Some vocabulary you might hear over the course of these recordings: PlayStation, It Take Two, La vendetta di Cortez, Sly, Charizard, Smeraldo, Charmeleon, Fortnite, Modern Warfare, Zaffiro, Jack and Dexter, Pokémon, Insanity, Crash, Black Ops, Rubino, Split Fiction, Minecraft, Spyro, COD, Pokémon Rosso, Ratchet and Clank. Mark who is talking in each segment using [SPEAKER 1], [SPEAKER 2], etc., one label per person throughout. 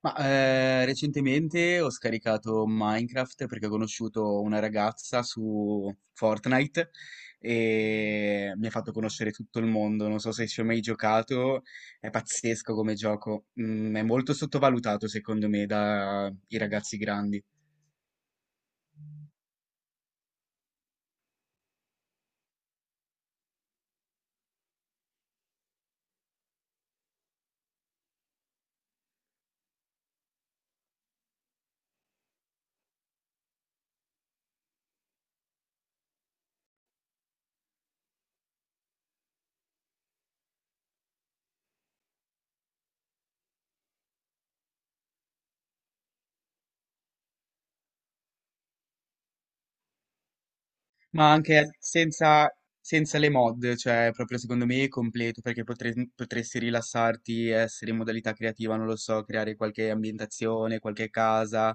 [SPEAKER 1] Recentemente ho scaricato Minecraft perché ho conosciuto una ragazza su Fortnite e mi ha fatto conoscere tutto il mondo. Non so se ci ho mai giocato, è pazzesco come gioco. È molto sottovalutato secondo me dai ragazzi grandi. Ma anche senza le mod, cioè proprio secondo me è completo perché potresti rilassarti, essere in modalità creativa, non lo so, creare qualche ambientazione, qualche casa,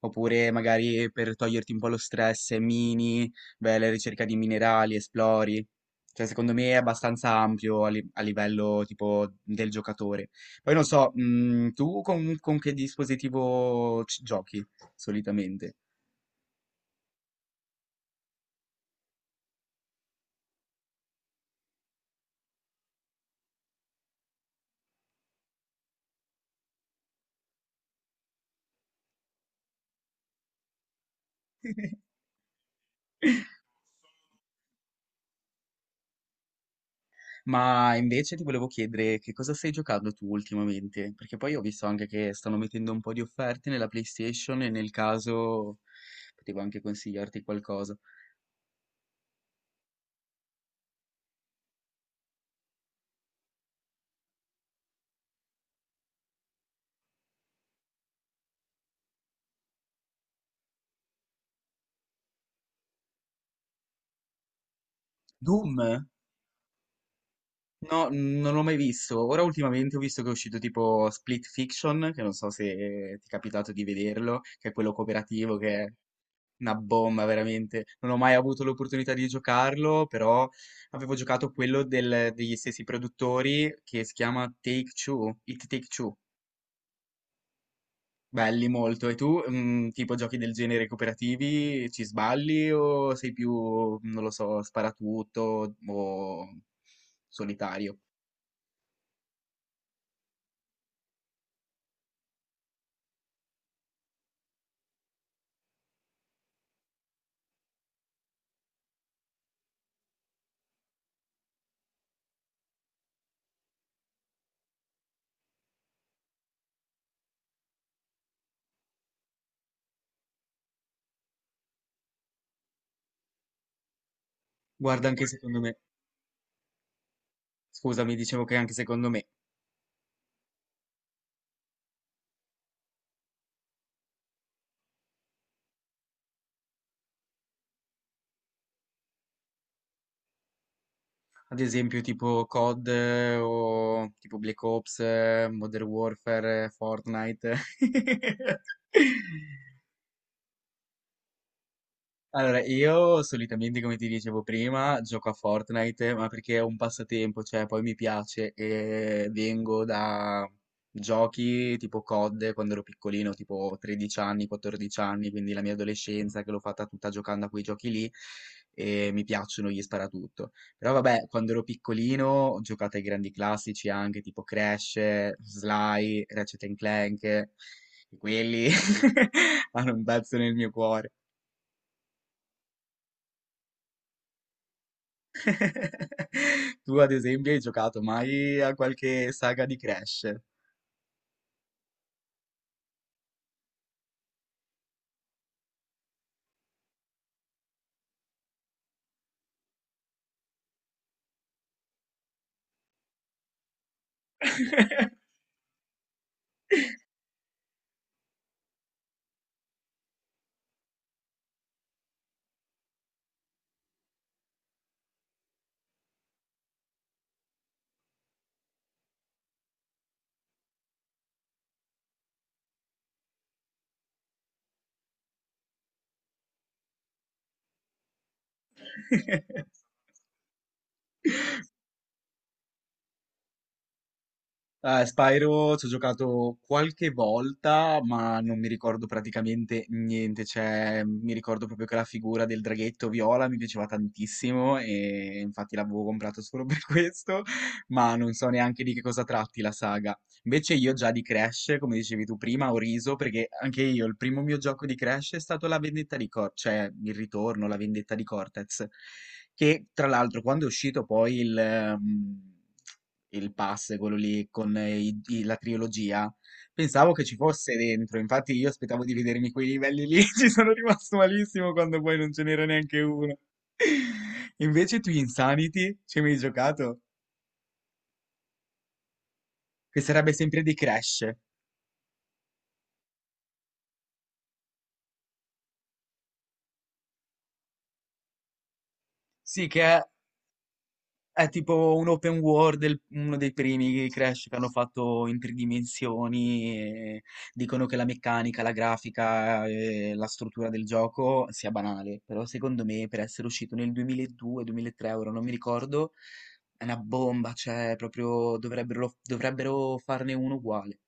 [SPEAKER 1] oppure magari per toglierti un po' lo stress, la ricerca di minerali, esplori. Cioè secondo me è abbastanza ampio a livello tipo del giocatore. Poi non so, tu con che dispositivo giochi solitamente? Ma invece ti volevo chiedere che cosa stai giocando tu ultimamente? Perché poi ho visto anche che stanno mettendo un po' di offerte nella PlayStation e nel caso potevo anche consigliarti qualcosa. Doom? No, non l'ho mai visto. Ora ultimamente ho visto che è uscito tipo Split Fiction, che non so se ti è capitato di vederlo, che è quello cooperativo che è una bomba veramente. Non ho mai avuto l'opportunità di giocarlo, però avevo giocato quello degli stessi produttori che si chiama Take Two, It Take Two. Belli molto. E tu, tipo giochi del genere cooperativi, ci sballi o sei più, non lo so, sparatutto o solitario? Guarda, anche secondo me, scusami, dicevo che anche secondo me, ad esempio tipo COD o tipo Black Ops, Modern Warfare, Fortnite. Allora, io solitamente, come ti dicevo prima, gioco a Fortnite, ma perché è un passatempo, cioè poi mi piace e vengo da giochi tipo COD quando ero piccolino, tipo 13 anni, 14 anni, quindi la mia adolescenza che l'ho fatta tutta giocando a quei giochi lì e mi piacciono gli sparatutto. Però vabbè, quando ero piccolino ho giocato ai grandi classici anche tipo Crash, Sly, Ratchet and Clank, e quelli hanno un pezzo nel mio cuore. Tu ad esempio hai giocato mai a qualche saga di Crash? Spyro ci ho giocato qualche volta, ma non mi ricordo praticamente niente. Cioè, mi ricordo proprio che la figura del draghetto viola mi piaceva tantissimo e infatti l'avevo comprato solo per questo, ma non so neanche di che cosa tratti la saga. Invece io già di Crash, come dicevi tu prima, ho riso perché anche io il primo mio gioco di Crash è stato La vendetta di Cortez, cioè il ritorno, La vendetta di Cortez, che tra l'altro quando è uscito poi il pass, quello lì con la trilogia, pensavo che ci fosse dentro, infatti io aspettavo di vedermi quei livelli lì, ci sono rimasto malissimo quando poi non ce n'era neanche uno. Invece tu Insanity, ci hai mai giocato? Che sarebbe sempre di Crash. Sì, che è tipo un open world, uno dei primi Crash che hanno fatto in tre dimensioni. E dicono che la meccanica, la grafica e la struttura del gioco sia banale, però secondo me per essere uscito nel 2002-2003, ora non mi ricordo, è una bomba, cioè proprio dovrebbero farne uno uguale.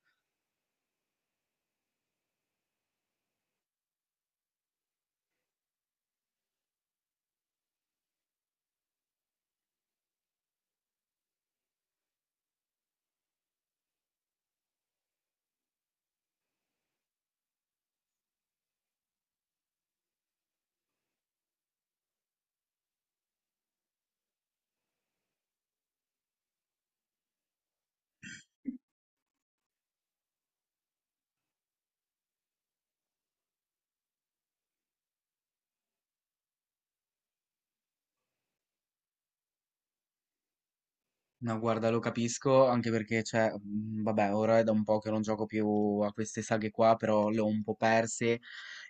[SPEAKER 1] No, guarda, lo capisco, anche perché, cioè, vabbè, ora è da un po' che non gioco più a queste saghe qua, però le ho un po' perse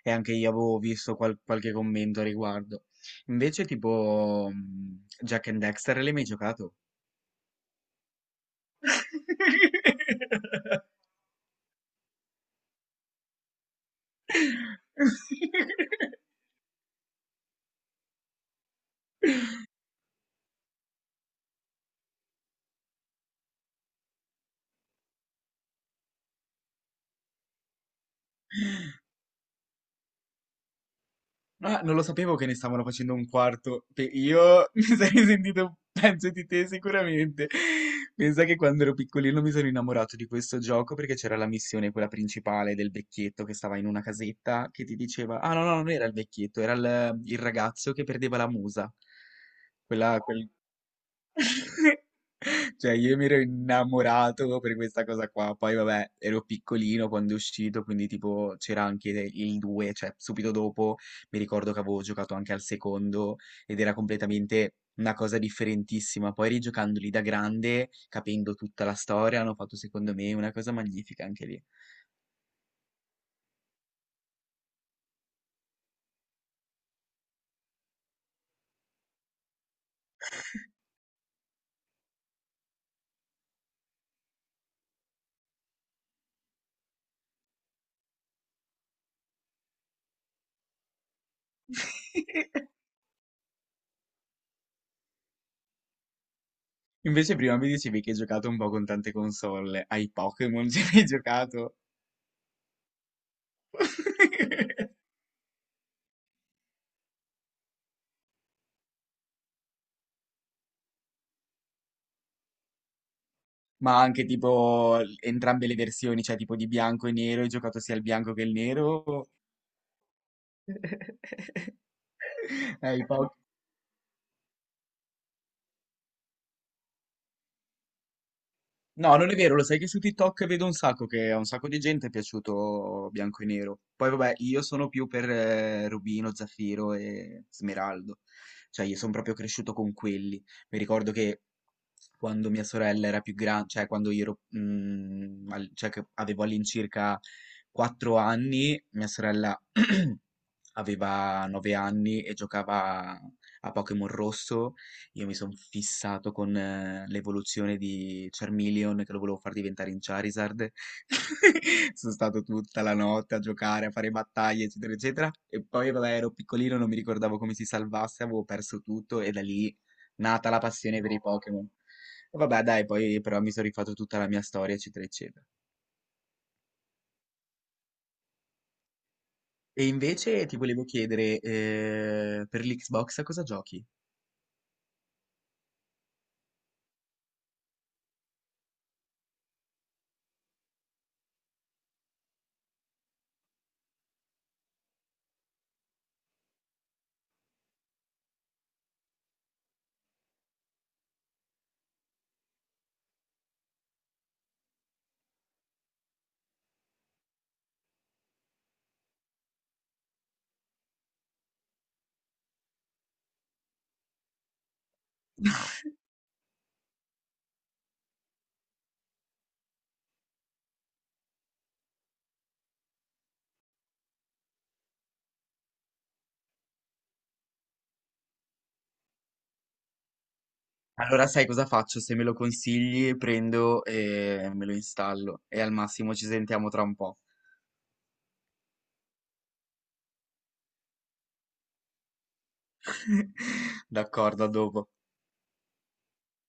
[SPEAKER 1] e anche io avevo visto qualche commento a riguardo. Invece, tipo, Jack and Dexter, l'hai mai giocato? Ah, non lo sapevo che ne stavano facendo un quarto. Io mi sarei sentito un pezzo di te sicuramente. Pensa che quando ero piccolino mi sono innamorato di questo gioco perché c'era la missione, quella principale del vecchietto che stava in una casetta che ti diceva: Ah, no, no, non era il vecchietto, era il ragazzo che perdeva la musa. Quella, quel- Cioè, io mi ero innamorato per questa cosa qua. Poi, vabbè, ero piccolino quando è uscito, quindi tipo c'era anche il 2, cioè subito dopo mi ricordo che avevo giocato anche al secondo ed era completamente una cosa differentissima. Poi rigiocandoli da grande, capendo tutta la storia, hanno fatto secondo me una cosa magnifica anche lì. Invece prima mi dicevi che hai giocato un po' con tante console. Ai Pokémon ci hai giocato? Ma anche tipo entrambe le versioni, cioè tipo di bianco e nero, hai giocato sia il bianco che il nero? Hai paura? No, non è vero, lo sai che su TikTok vedo un sacco che a un sacco di gente è piaciuto bianco e nero. Poi vabbè, io sono più per Rubino, Zaffiro e Smeraldo. Cioè, io sono proprio cresciuto con quelli. Mi ricordo che quando mia sorella era più grande, cioè quando io ero, cioè che avevo all'incirca 4 anni, mia sorella aveva 9 anni e giocava a Pokémon Rosso, io mi sono fissato con l'evoluzione di Charmeleon che lo volevo far diventare in Charizard. Sono stato tutta la notte a giocare, a fare battaglie, eccetera, eccetera. E poi, vabbè, ero piccolino, non mi ricordavo come si salvasse, avevo perso tutto e da lì nata la passione per i Pokémon. E vabbè, dai, poi però mi sono rifatto tutta la mia storia, eccetera, eccetera. E invece ti volevo chiedere, per l'Xbox a cosa giochi? Allora sai cosa faccio? Se me lo consigli, prendo e me lo installo e al massimo ci sentiamo tra un po'. D'accordo, a dopo.